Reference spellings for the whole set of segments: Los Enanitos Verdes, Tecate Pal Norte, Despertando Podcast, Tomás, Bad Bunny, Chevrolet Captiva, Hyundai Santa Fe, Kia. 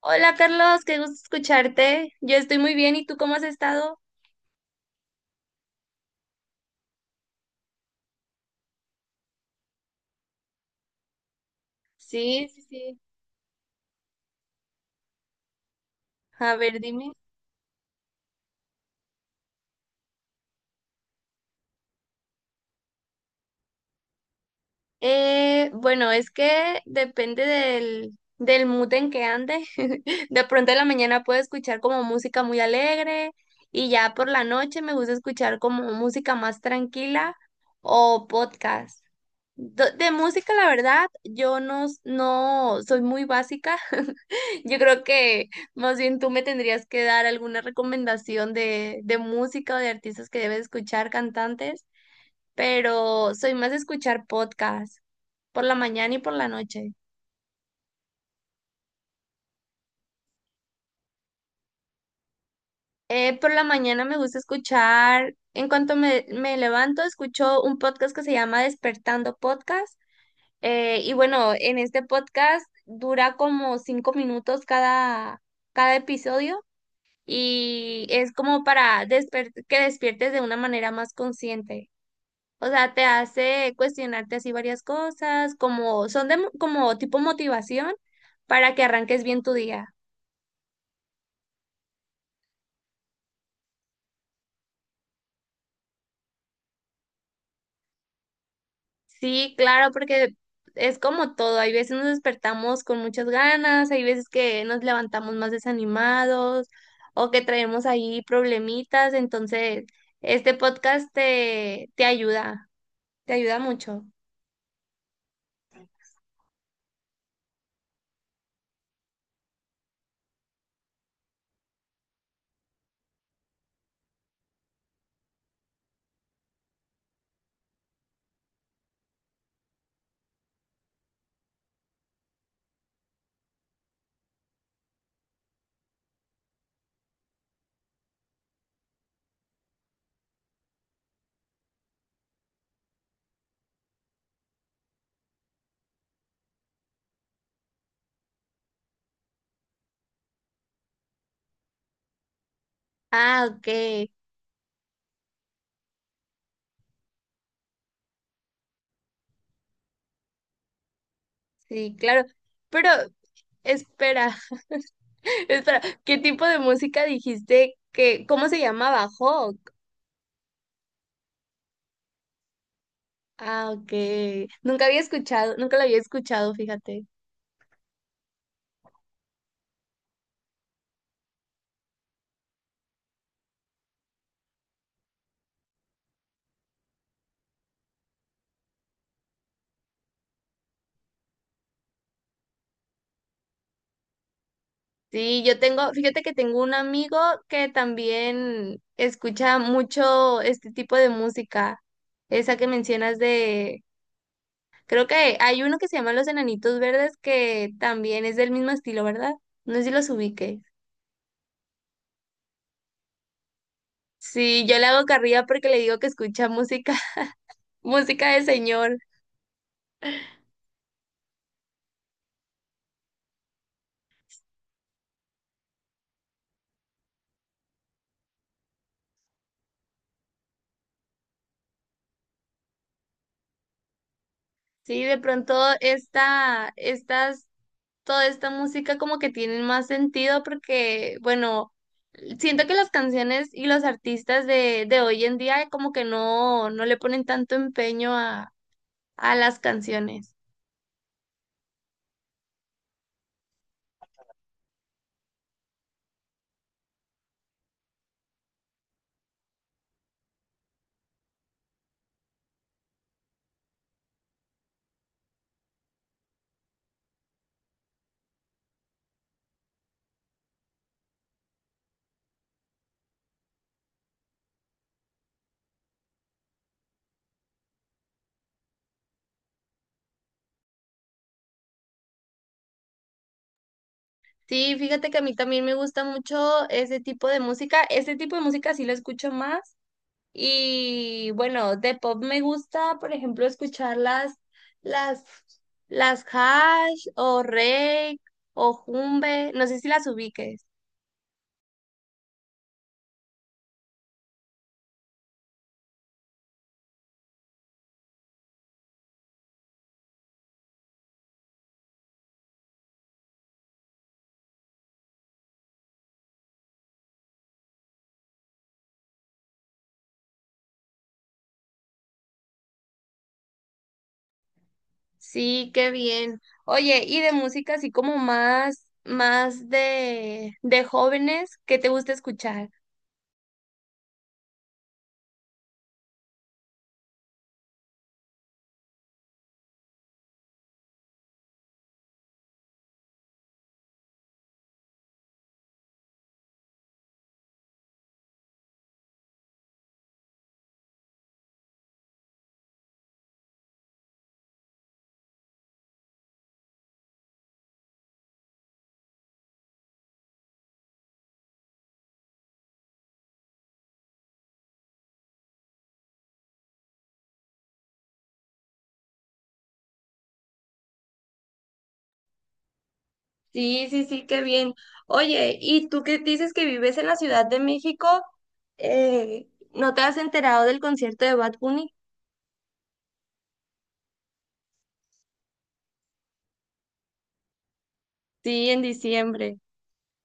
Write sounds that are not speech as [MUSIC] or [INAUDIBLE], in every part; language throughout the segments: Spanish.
Hola Carlos, qué gusto escucharte. Yo estoy muy bien, ¿y tú cómo has estado? Sí, sí, sí. A ver, dime. Bueno, es que depende del mood en que ande. [LAUGHS] De pronto en la mañana puedo escuchar como música muy alegre y ya por la noche me gusta escuchar como música más tranquila o podcast. De música, la verdad, yo no, no soy muy básica. [LAUGHS] Yo creo que más bien tú me tendrías que dar alguna recomendación de música o de artistas que debes escuchar, cantantes, pero soy más de escuchar podcast por la mañana y por la noche. Por la mañana me gusta escuchar, en cuanto me levanto, escucho un podcast que se llama Despertando Podcast. Y bueno, en este podcast dura como 5 minutos cada episodio y es como para que despiertes de una manera más consciente. O sea, te hace cuestionarte así varias cosas, como son como tipo motivación para que arranques bien tu día. Sí, claro, porque es como todo. Hay veces nos despertamos con muchas ganas, hay veces que nos levantamos más desanimados o que traemos ahí problemitas. Entonces, este podcast te ayuda, te ayuda mucho. Ah, ok. Sí, claro. Pero espera, [LAUGHS] espera, ¿qué tipo de música dijiste que cómo se llamaba? Hawk. Ah, ok. Nunca había escuchado, nunca la había escuchado, fíjate. Sí, yo tengo, fíjate que tengo un amigo que también escucha mucho este tipo de música, esa que mencionas de, creo que hay uno que se llama Los Enanitos Verdes, que también es del mismo estilo, ¿verdad? No sé si los ubique. Sí, yo le hago carrilla porque le digo que escucha música, [LAUGHS] música de señor. Sí, de pronto esta, estas, toda esta música como que tienen más sentido porque, bueno, siento que las canciones y los artistas de hoy en día como que no, no le ponen tanto empeño a las canciones. Sí, fíjate que a mí también me gusta mucho ese tipo de música. Ese tipo de música sí lo escucho más. Y bueno, de pop me gusta, por ejemplo, escuchar las, las Hash o Rake o Jumbe, no sé si las ubiques. Sí, qué bien. Oye, y de música así como más de jóvenes, ¿qué te gusta escuchar? Sí, sí, sí, qué bien. Oye, ¿y tú, que dices que vives en la Ciudad de México, eh, no te has enterado del concierto de Bad Bunny? Sí, en diciembre.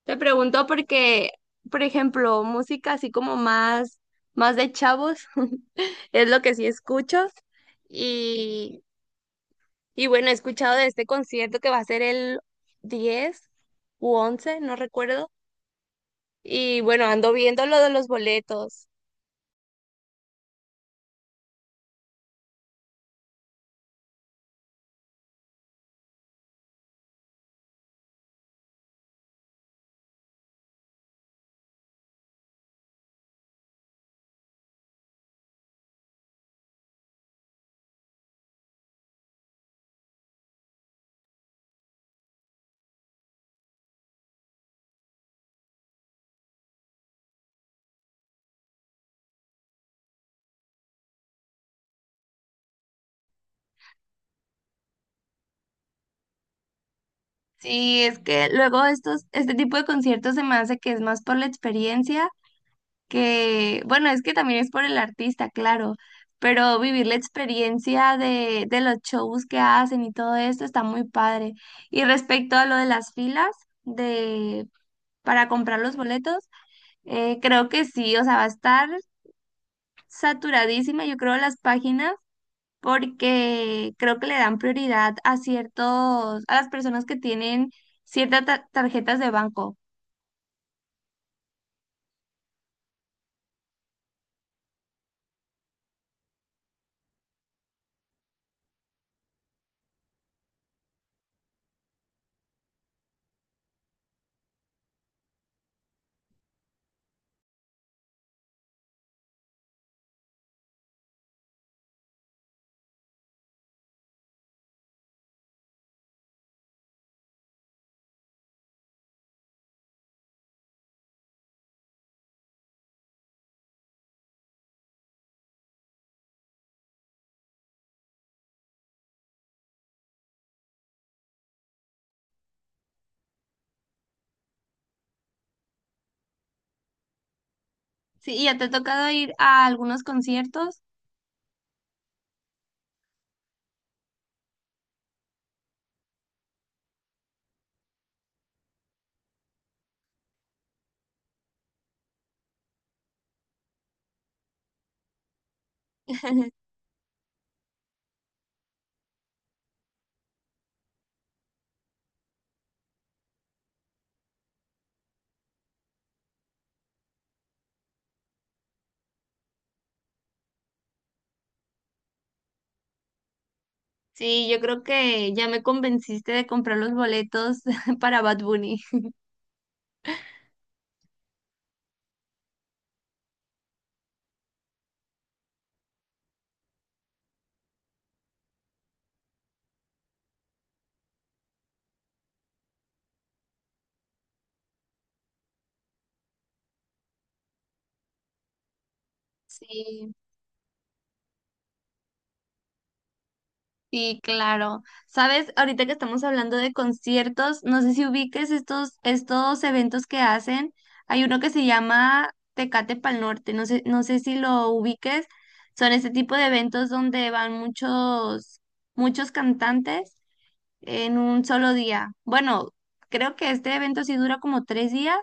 Te pregunto porque, por ejemplo, música así como más de chavos, [LAUGHS] es lo que sí escucho. Y, y bueno, he escuchado de este concierto que va a ser el 10 u 11, no recuerdo. Y bueno, ando viendo lo de los boletos. Sí, es que luego este tipo de conciertos se me hace que es más por la experiencia que, bueno, es que también es por el artista, claro, pero vivir la experiencia de los shows que hacen y todo esto está muy padre. Y respecto a lo de las filas de, para comprar los boletos, creo que sí, o sea, va a estar saturadísima, yo creo, las páginas, porque creo que le dan prioridad a ciertos, a las personas que tienen ciertas tarjetas de banco. Sí, ¿y ya te ha tocado ir a algunos conciertos? [LAUGHS] Sí, yo creo que ya me convenciste de comprar los boletos [LAUGHS] para Bad Bunny. Sí, sí, claro. Sabes, ahorita que estamos hablando de conciertos, no sé si ubiques estos eventos que hacen. Hay uno que se llama Tecate Pal Norte, no sé, no sé si lo ubiques. Son este tipo de eventos donde van muchos, muchos cantantes en un solo día. Bueno, creo que este evento sí dura como 3 días,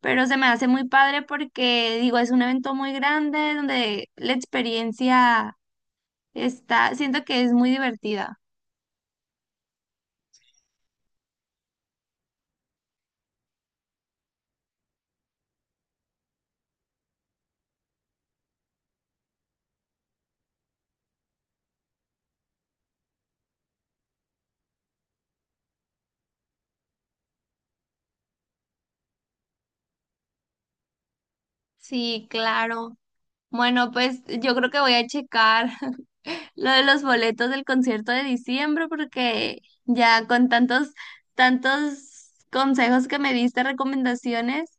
pero se me hace muy padre porque, digo, es un evento muy grande donde la experiencia está, siento que es muy divertida. Sí, claro. Bueno, pues yo creo que voy a checar [LAUGHS] lo de los boletos del concierto de diciembre, porque ya con tantos, tantos consejos que me diste, recomendaciones.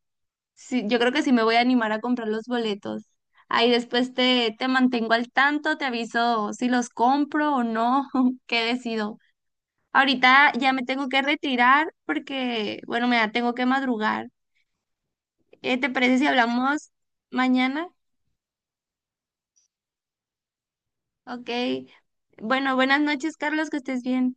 Sí, yo creo que sí me voy a animar a comprar los boletos. Ahí después te mantengo al tanto, te aviso si los compro o no, [LAUGHS] qué decido. Ahorita ya me tengo que retirar porque, bueno, tengo que madrugar. ¿Te parece si hablamos mañana? Ok. Bueno, buenas noches, Carlos, que estés bien.